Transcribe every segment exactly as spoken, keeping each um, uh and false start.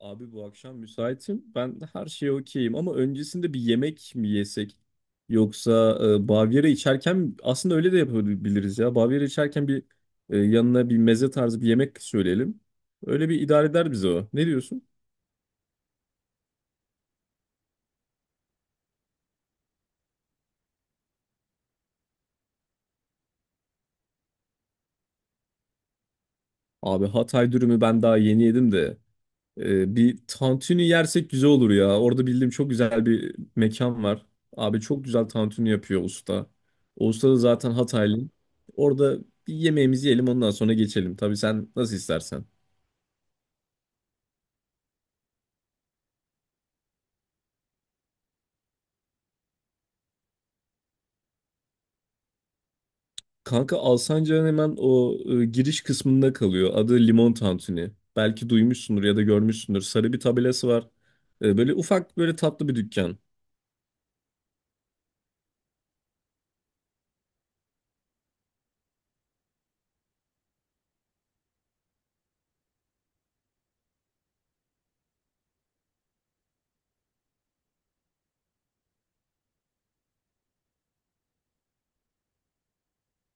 Abi bu akşam müsaitim. Ben de her şeye okeyim ama öncesinde bir yemek mi yesek? Yoksa e, Bavyera içerken aslında öyle de yapabiliriz ya. Bavyera içerken bir e, yanına bir meze tarzı bir yemek söyleyelim. Öyle bir idare eder bize o. Ne diyorsun? Abi Hatay dürümü ben daha yeni yedim de Ee, bir tantuni yersek güzel olur ya. Orada bildiğim çok güzel bir mekan var. Abi çok güzel tantuni yapıyor usta. O usta da zaten Hataylı. Orada bir yemeğimizi yiyelim ondan sonra geçelim. Tabii sen nasıl istersen. Kanka Alsancak'ın hemen o e, giriş kısmında kalıyor. Adı Limon Tantuni. Belki duymuşsundur ya da görmüşsündür. Sarı bir tabelası var. E, böyle ufak böyle tatlı bir dükkan.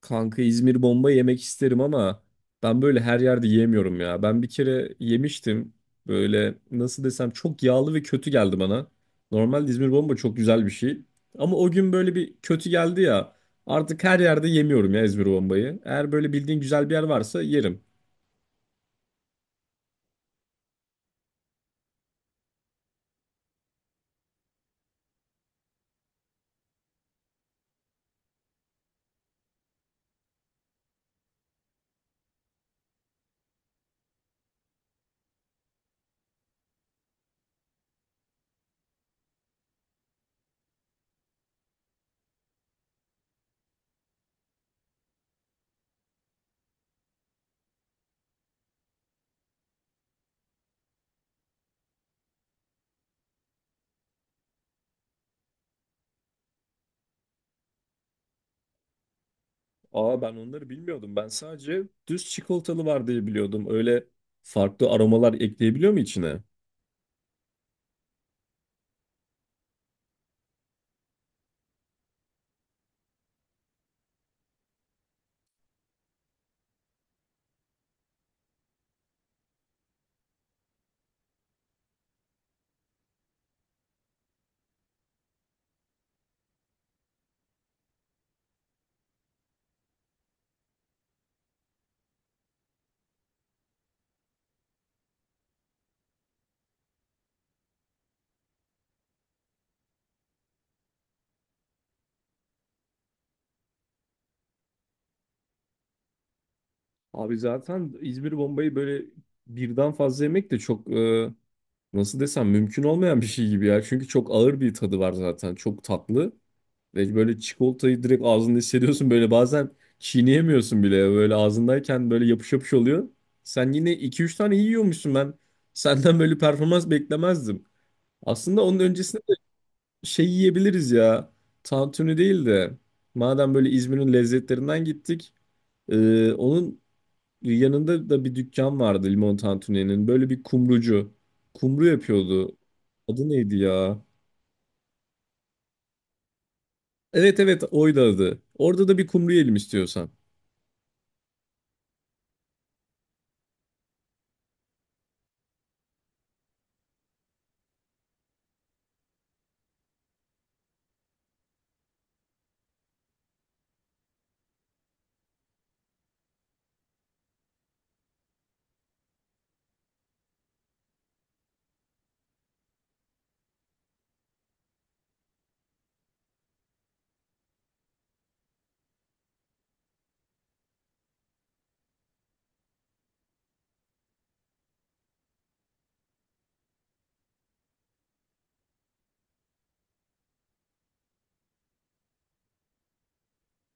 Kanka İzmir bomba yemek isterim ama ben böyle her yerde yemiyorum ya. Ben bir kere yemiştim. Böyle nasıl desem çok yağlı ve kötü geldi bana. Normalde İzmir bomba çok güzel bir şey. Ama o gün böyle bir kötü geldi ya. Artık her yerde yemiyorum ya İzmir bombayı. Eğer böyle bildiğin güzel bir yer varsa yerim. Aa, ben onları bilmiyordum. Ben sadece düz çikolatalı var diye biliyordum. Öyle farklı aromalar ekleyebiliyor mu içine? Abi zaten İzmir bombayı böyle birden fazla yemek de çok e, nasıl desem mümkün olmayan bir şey gibi ya. Çünkü çok ağır bir tadı var zaten. Çok tatlı. Ve böyle çikolatayı direkt ağzında hissediyorsun. Böyle bazen çiğneyemiyorsun bile. Böyle ağzındayken böyle yapış yapış oluyor. Sen yine iki üç tane yiyormuşsun ben. Senden böyle performans beklemezdim. Aslında onun öncesinde şey yiyebiliriz ya. Tantuni değil de madem böyle İzmir'in lezzetlerinden gittik. E, onun yanında da bir dükkan vardı limon tantuni'nin. Böyle bir kumrucu. Kumru yapıyordu. Adı neydi ya? Evet, evet, oydu adı. Orada da bir kumru yiyelim istiyorsan.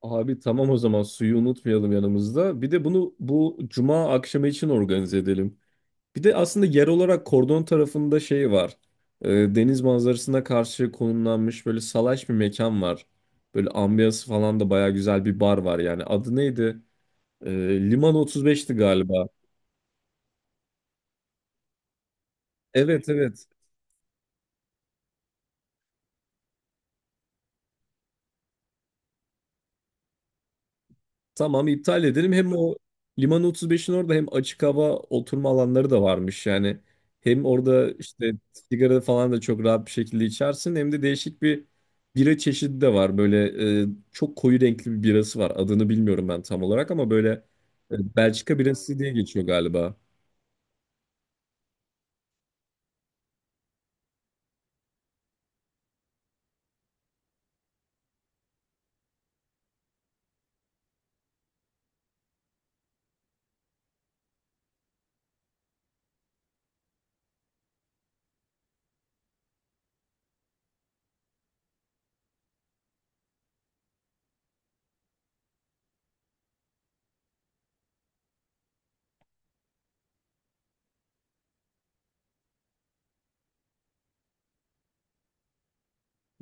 Abi tamam, o zaman suyu unutmayalım yanımızda. Bir de bunu bu cuma akşamı için organize edelim. Bir de aslında yer olarak kordon tarafında şey var. Ee, Deniz manzarasına karşı konumlanmış böyle salaş bir mekan var. Böyle ambiyansı falan da baya güzel bir bar var yani. Adı neydi? Ee, Liman otuz beşti galiba. Evet, evet. Tamam, iptal edelim. Hem o Liman otuz beşin orada hem açık hava oturma alanları da varmış. Yani hem orada işte sigara falan da çok rahat bir şekilde içersin. Hem de değişik bir bira çeşidi de var. Böyle e, Çok koyu renkli bir birası var. Adını bilmiyorum ben tam olarak ama böyle e, Belçika birası diye geçiyor galiba.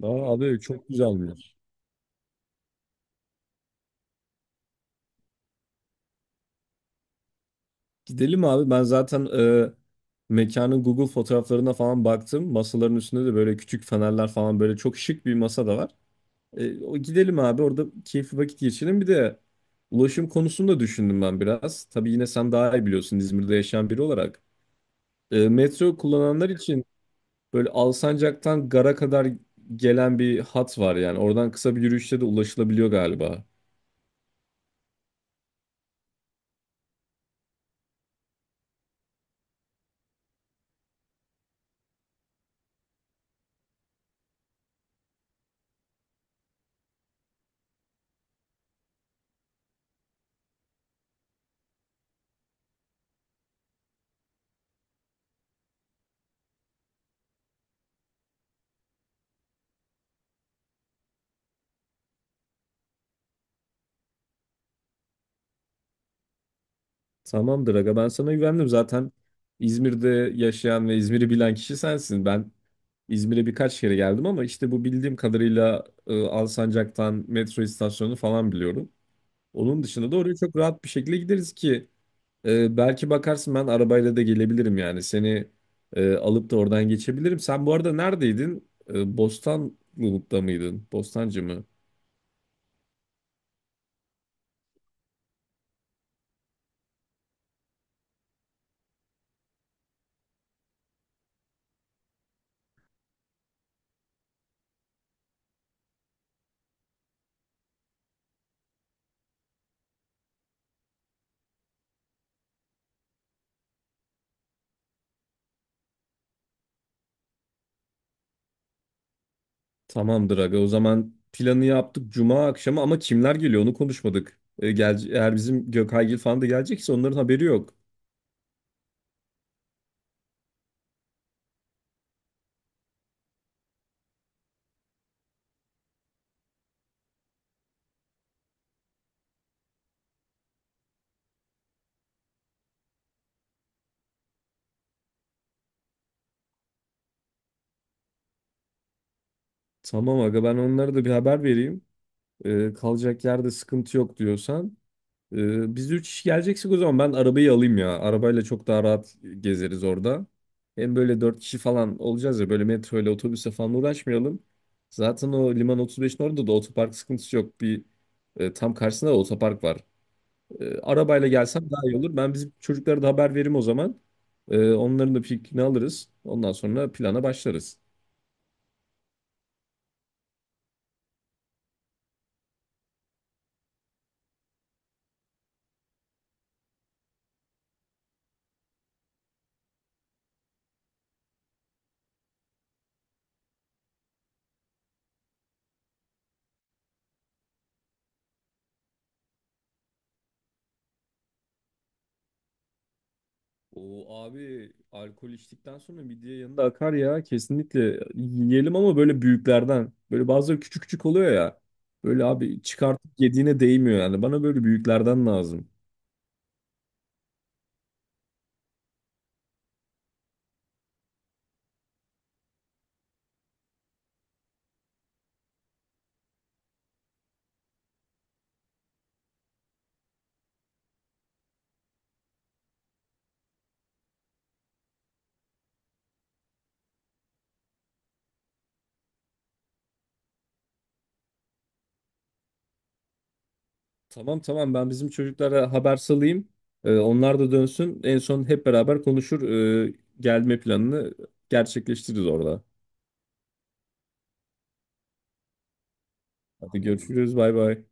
Aa, abi çok güzelmiş. Gidelim abi. Ben zaten e, mekanın Google fotoğraflarına falan baktım. Masaların üstünde de böyle küçük fenerler falan böyle çok şık bir masa da var. E, o gidelim abi, orada keyifli vakit geçirelim. Bir de ulaşım konusunu da düşündüm ben biraz. Tabii yine sen daha iyi biliyorsun İzmir'de yaşayan biri olarak. E, metro kullananlar için böyle Alsancak'tan Gar'a kadar gelen bir hat var yani. Oradan kısa bir yürüyüşle de ulaşılabiliyor galiba. Tamamdır aga, ben sana güvendim zaten. İzmir'de yaşayan ve İzmir'i bilen kişi sensin. Ben İzmir'e birkaç kere geldim ama işte bu bildiğim kadarıyla e, Alsancak'tan metro istasyonunu falan biliyorum. Onun dışında da oraya çok rahat bir şekilde gideriz ki e, belki bakarsın ben arabayla da gelebilirim yani seni e, alıp da oradan geçebilirim. Sen bu arada neredeydin? E, Bostanlı'da mıydın? Bostancı mı? Tamamdır aga. O zaman planı yaptık cuma akşamı ama kimler geliyor onu konuşmadık. E, gel, eğer bizim Gökaygil falan da gelecekse onların haberi yok. Tamam aga, ben onlara da bir haber vereyim. E, kalacak yerde sıkıntı yok diyorsan. E, biz üç kişi geleceksek o zaman ben arabayı alayım ya. Arabayla çok daha rahat gezeriz orada. Hem böyle dört kişi falan olacağız ya, böyle metro ile otobüse falan uğraşmayalım. Zaten o Liman otuz beşin orada da otopark sıkıntısı yok. Bir e, tam karşısında da otopark var. E, arabayla gelsem daha iyi olur. Ben bizim çocuklara da haber veririm o zaman. E, onların da fikrini alırız. Ondan sonra plana başlarız. O abi alkol içtikten sonra midye yanında akar ya. Kesinlikle yiyelim ama böyle büyüklerden. Böyle bazıları küçük küçük oluyor ya. Böyle abi çıkartıp yediğine değmiyor yani. Bana böyle büyüklerden lazım. Tamam, tamam, ben bizim çocuklara haber salayım. E, onlar da dönsün. En son hep beraber konuşur. e, Gelme planını gerçekleştiririz orada. Hadi. Tamam. Görüşürüz. Bay bay.